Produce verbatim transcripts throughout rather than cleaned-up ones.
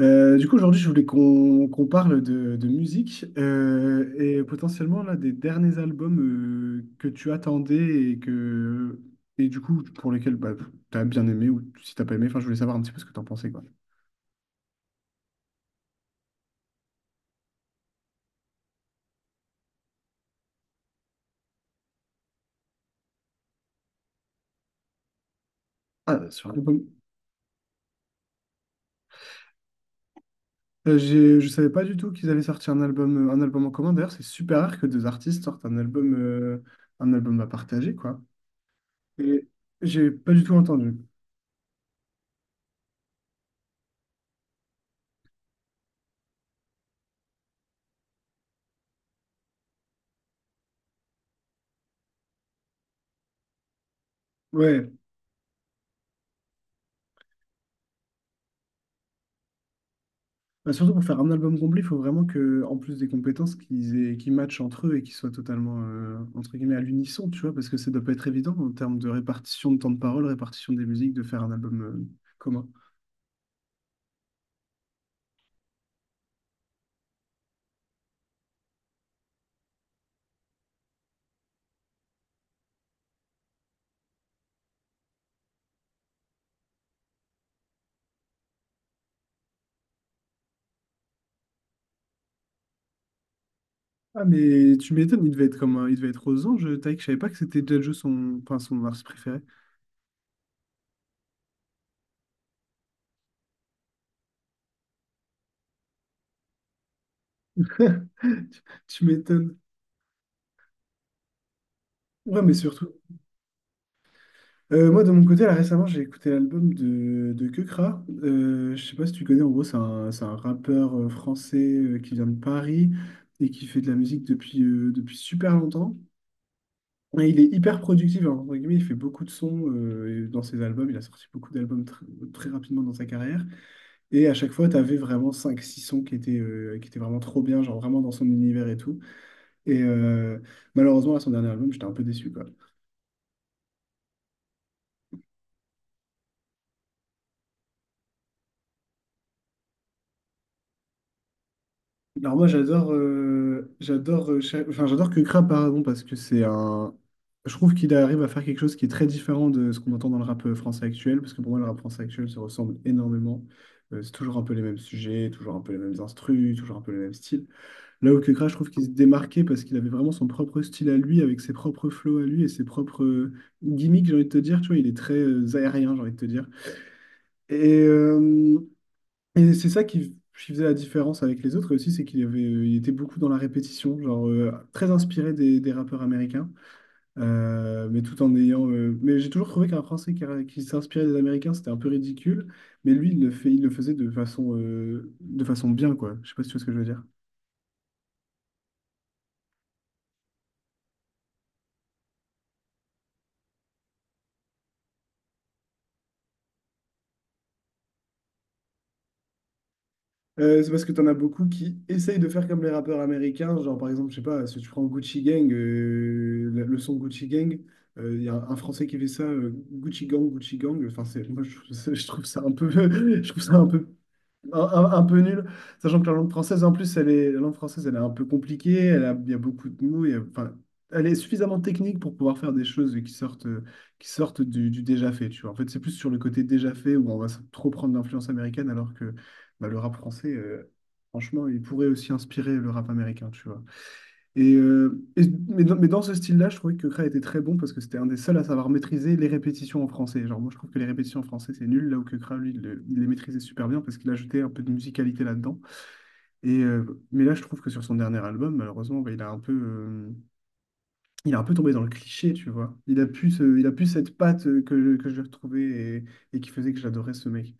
Euh, du coup, aujourd'hui, je voulais qu'on qu'on parle de, de musique euh, et potentiellement là, des derniers albums euh, que tu attendais et, que, et du coup pour lesquels bah, tu as bien aimé ou si t'as pas aimé. Enfin, je voulais savoir un petit peu ce que tu en pensais, quoi. Ah, sur l'album. Euh, j'ai- je savais pas du tout qu'ils avaient sorti un album, euh, un album en commun. D'ailleurs, c'est super rare que deux artistes sortent un album, euh, un album à partager, quoi. Et j'ai pas du tout entendu. Ouais. Bah, surtout pour faire un album complet, il faut vraiment que, en plus des compétences, qu'ils aient, qu'ils matchent entre eux et qu'ils soient totalement, euh, entre guillemets, à l'unisson, tu vois, parce que ça doit pas être évident en termes de répartition de temps de parole, répartition des musiques, de faire un album, euh, commun. Ah, mais tu m'étonnes, il devait être comme un- il devait être aux anges, Taïk. Je savais pas que c'était déjà son, enfin, son artiste préféré. Tu m'étonnes. Non, mais surtout. Euh, moi, de mon côté, là, récemment, j'ai écouté l'album de, de Keukra. Euh, je sais pas si tu connais, en gros, c'est un, c'est un rappeur euh, français euh, qui vient de Paris et qui fait de la musique depuis, euh, depuis super longtemps. Et il est hyper productif, hein, entre guillemets, il fait beaucoup de sons euh, et dans ses albums. Il a sorti beaucoup d'albums tr- très rapidement dans sa carrière. Et à chaque fois, tu avais vraiment cinq six sons qui étaient, euh, qui étaient vraiment trop bien, genre vraiment dans son univers et tout. Et euh, Malheureusement, à son dernier album, j'étais un peu déçu, quoi. Alors moi j'adore euh, j'adore euh, cha- enfin j'adore que Kra, pardon parce que c'est un je trouve qu'il arrive à faire quelque chose qui est très différent de ce qu'on entend dans le rap euh, français actuel parce que pour moi le rap français actuel se ressemble énormément. Euh, c'est toujours un peu les mêmes sujets, toujours un peu les mêmes instrus, toujours un peu les mêmes styles, là où que Kra, je trouve qu'il se démarquait parce qu'il avait vraiment son propre style à lui avec ses propres flows à lui et ses propres euh, gimmicks, j'ai envie de te dire, tu vois, il est très euh, aérien, j'ai envie de te dire et euh, et c'est ça qui, qui faisait la différence avec les autres aussi, c'est qu'il avait, il était beaucoup dans la répétition, genre euh, très inspiré des, des rappeurs américains, euh, mais tout en ayant. Euh, mais j'ai toujours trouvé qu'un Français qui, qui s'inspirait des Américains, c'était un peu ridicule, mais lui, il le fait, il le faisait de façon, euh, de façon bien, quoi. Je sais pas si tu vois ce que je veux dire. Euh, c'est parce que t'en as beaucoup qui essayent de faire comme les rappeurs américains, genre par exemple, je sais pas, si tu prends Gucci Gang, euh, le le son Gucci Gang, euh, il y a un Français qui fait ça, euh, Gucci Gang, Gucci Gang, enfin c'est, moi je, trouve ça, je trouve ça un peu, je trouve ça un peu un, un- un peu nul, sachant que la langue française, en plus, elle est, la langue française, elle est un peu compliquée, elle a, il y a beaucoup de mots, il y a- enfin, elle est suffisamment technique pour pouvoir faire des choses qui sortent, qui sortent du, du déjà fait, tu vois. En fait, c'est plus sur le côté déjà fait où on va s- trop prendre l'influence américaine, alors que bah, le rap français, euh, franchement, il pourrait aussi inspirer le rap américain, tu vois. Et, euh, et- mais, dans, mais dans ce style-là, je trouvais que Kra était très bon parce que c'était un des seuls à savoir maîtriser les répétitions en français. Genre, moi, je trouve que les répétitions en français, c'est nul, là où que Kra, lui, il, le- il les maîtrisait super bien parce qu'il ajoutait un peu de musicalité là-dedans. Et, euh, mais là, je trouve que sur son dernier album, malheureusement, bah, il a un peu, euh, il a un peu tombé dans le cliché, tu vois. Il a plus, ce- il a plus cette patte euh, que, que je lui retrouvais et, et qui faisait que j'adorais ce mec.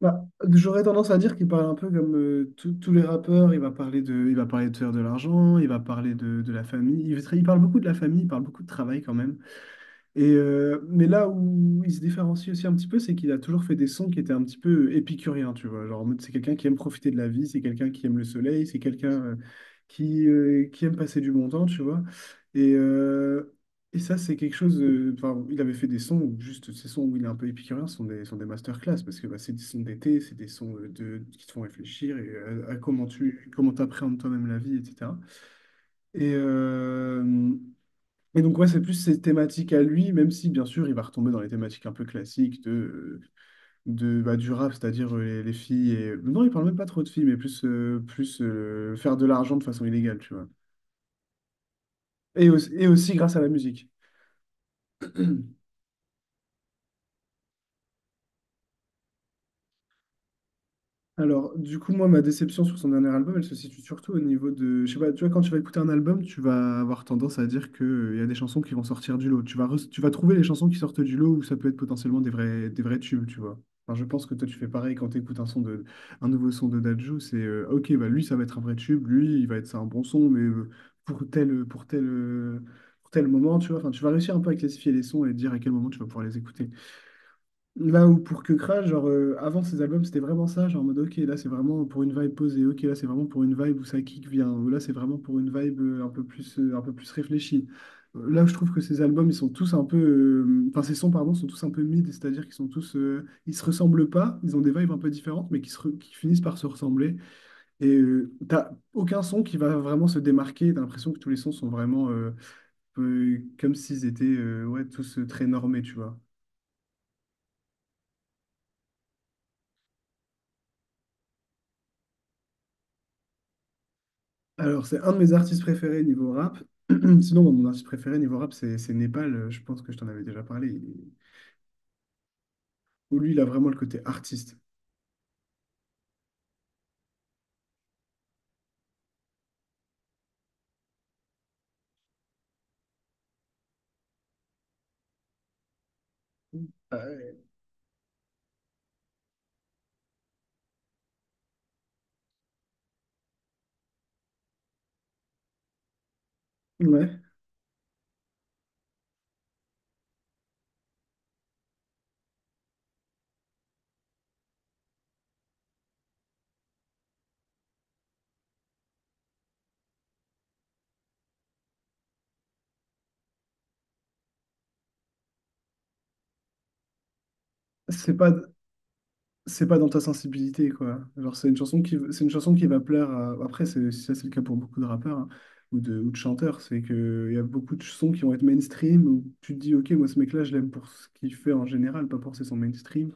Bah, j'aurais tendance à dire qu'il parle un peu comme euh, tous tous les rappeurs. Il va parler de, il va parler de faire de l'argent, il va parler de, de la famille. Il, va- il parle beaucoup de la famille, il parle beaucoup de travail quand même. Et euh, mais là où il se différencie aussi un petit peu, c'est qu'il a toujours fait des sons qui étaient un petit peu épicuriens, tu vois. Genre, en mode, c'est quelqu'un qui aime profiter de la vie, c'est quelqu'un qui aime le soleil, c'est quelqu'un euh, qui, euh, qui aime passer du bon temps, tu vois. Et, euh, et ça, c'est quelque chose. euh, Enfin, il avait fait des sons, où juste ces sons où il est un peu épicurien, sont des, sont des masterclass, parce que bah, c'est des sons d'été, c'est des sons euh, de, qui te font réfléchir et, à, à comment tu comment t'appréhendes toi-même la vie, et cætera. Et, euh, et donc, ouais, c'est plus ses thématiques à lui, même si, bien sûr, il va retomber dans les thématiques un peu classiques de, euh, de, bah, du rap, c'est-à-dire euh, les, les filles. Et... euh, Non, il parle même pas trop de filles, mais plus, euh, plus euh, faire de l'argent de façon illégale, tu vois. Et aussi, et aussi grâce à la musique. Alors, du coup, moi, ma déception sur son dernier album, elle se situe surtout au niveau de, je sais pas, tu vois, quand tu vas écouter un album, tu vas avoir tendance à dire que euh, il y a des chansons qui vont sortir du lot. Tu vas, re- tu vas trouver les chansons qui sortent du lot où ça peut être potentiellement des vrais, des vrais tubes, tu vois. Enfin, je pense que toi, tu fais pareil quand tu écoutes un son de, un nouveau son de Dadju, c'est, euh, ok, bah lui, ça va être un vrai tube, lui, il va être c'est un bon son, mais euh, pour tel, pour tel, euh, pour tel moment, tu vois. Enfin, tu vas réussir un peu à classifier les sons et dire à quel moment tu vas pouvoir les écouter. Là où pour que Crash, genre euh, avant ses albums, c'était vraiment ça, genre en mode ok, là c'est vraiment pour une vibe posée, ok, là c'est vraiment pour une vibe où ça kick vient, ou là c'est vraiment pour une vibe euh, un peu plus, euh, un peu plus réfléchie. Euh, Là, je trouve que ces albums, ils sont tous un peu, euh, enfin ces sons, pardon, sont tous un peu mid, c'est-à-dire qu'ils sont tous, euh, ils se ressemblent pas, ils ont des vibes un peu différentes, mais qui, se re- qui finissent par se ressembler. Et euh, t'as aucun son qui va vraiment se démarquer, t'as l'impression que tous les sons sont vraiment euh, euh, comme s'ils étaient euh, ouais, tous euh, très normés, tu vois. Alors, c'est un de mes artistes préférés niveau rap. Sinon, bon, mon artiste préféré niveau rap, c'est c'est Népal. Euh, Je pense que je t'en avais déjà parlé. Il- où lui, il a vraiment le côté artiste. Euh, ouais. C'est pas, c'est pas dans ta sensibilité, quoi. Genre, c'est une chanson qui, c'est une chanson qui va plaire à- Après, c'est, si ça, c'est le cas pour beaucoup de rappeurs hein, ou de, ou de chanteurs. C'est que il y a beaucoup de sons qui vont être mainstream où tu te dis, OK, moi, ce mec-là, je l'aime pour ce qu'il fait en général, pas pour ses sons mainstream.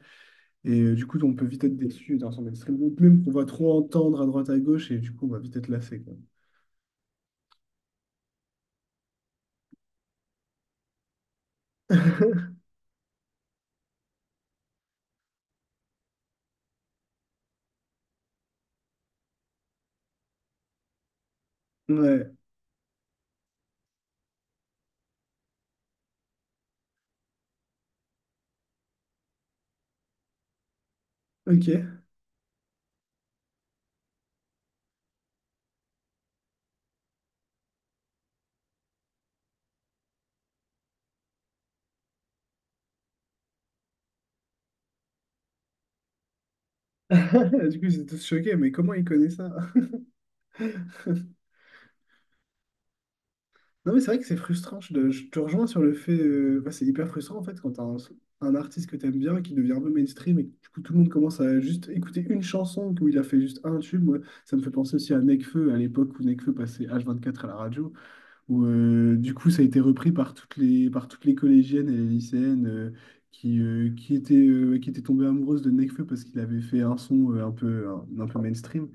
Et euh, du coup, on peut vite être déçu d'un son mainstream, ou même qu'on va trop entendre à droite à gauche, et du coup, on va vite être lassé, quoi. Ouais, ok. Du coup, ils étaient tous choqués, mais comment il connaît ça? Non, mais c'est vrai que c'est frustrant. Je, te je te rejoins sur le fait. Euh, bah, c'est hyper frustrant en fait quand t'as un, un artiste que t'aimes bien qui devient un peu mainstream et que du coup tout le monde commence à juste écouter une chanson où il a fait juste un tube. Moi, ça me fait penser aussi à Nekfeu à l'époque où Nekfeu passait H vingt-quatre à la radio, où euh, du coup ça a été repris par toutes les, par toutes les collégiennes et les lycéennes euh, qui, euh, qui étaient, euh, qui étaient tombées amoureuses de Nekfeu parce qu'il avait fait un son euh, un peu, un, un peu mainstream.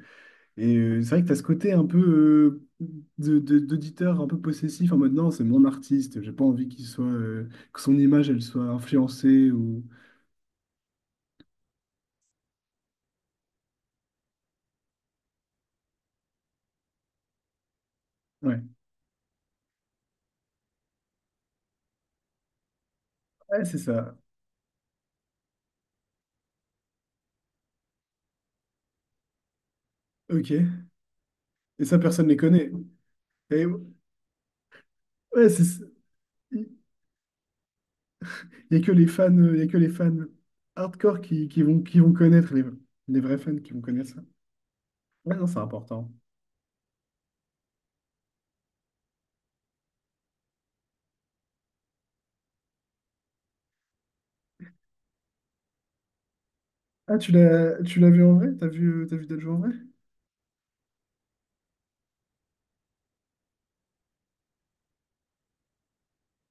Et euh, c'est vrai que tu as ce côté un peu euh, de, de- d'auditeur un peu possessif en mode non, c'est mon artiste, j'ai pas envie qu'il soit, euh, que son image elle soit influencée ou. Ouais, ouais, c'est ça. Ok. Et ça, personne ne les connaît. Et ouais, c'est ça. Il n'y a que les fans, il y a que les fans hardcore qui, qui vont, qui vont connaître, les, les vrais fans qui vont connaître ça. Ouais, non, c'est important. Ah, tu l'as, tu l'as vu en vrai? T'as vu, euh, t'as vu Dadju en vrai?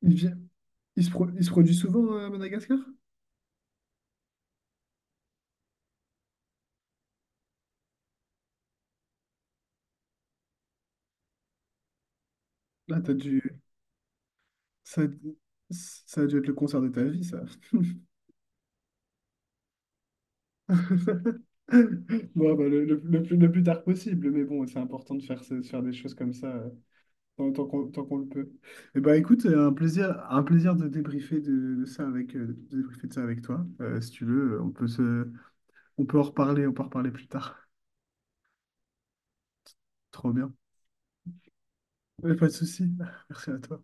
Il vient, il se, pro- il se produit souvent euh, à Madagascar? Là, t'as dû, ça, ça a dû être le concert de ta vie, ça. Bon, bah, le, le- le plus, le plus tard possible, mais bon, c'est important de faire, ce- de faire des choses comme ça. Euh, tant tant qu'on tant qu'on le peut. Eh ben, écoute, euh, un plaisir, un plaisir de débriefer de, de ça avec, euh, de débriefer de ça avec toi. Euh, si tu veux, on peut se, on peut en reparler, on peut en reparler plus tard. Trop bien. Ouais, pas de souci. Merci à toi.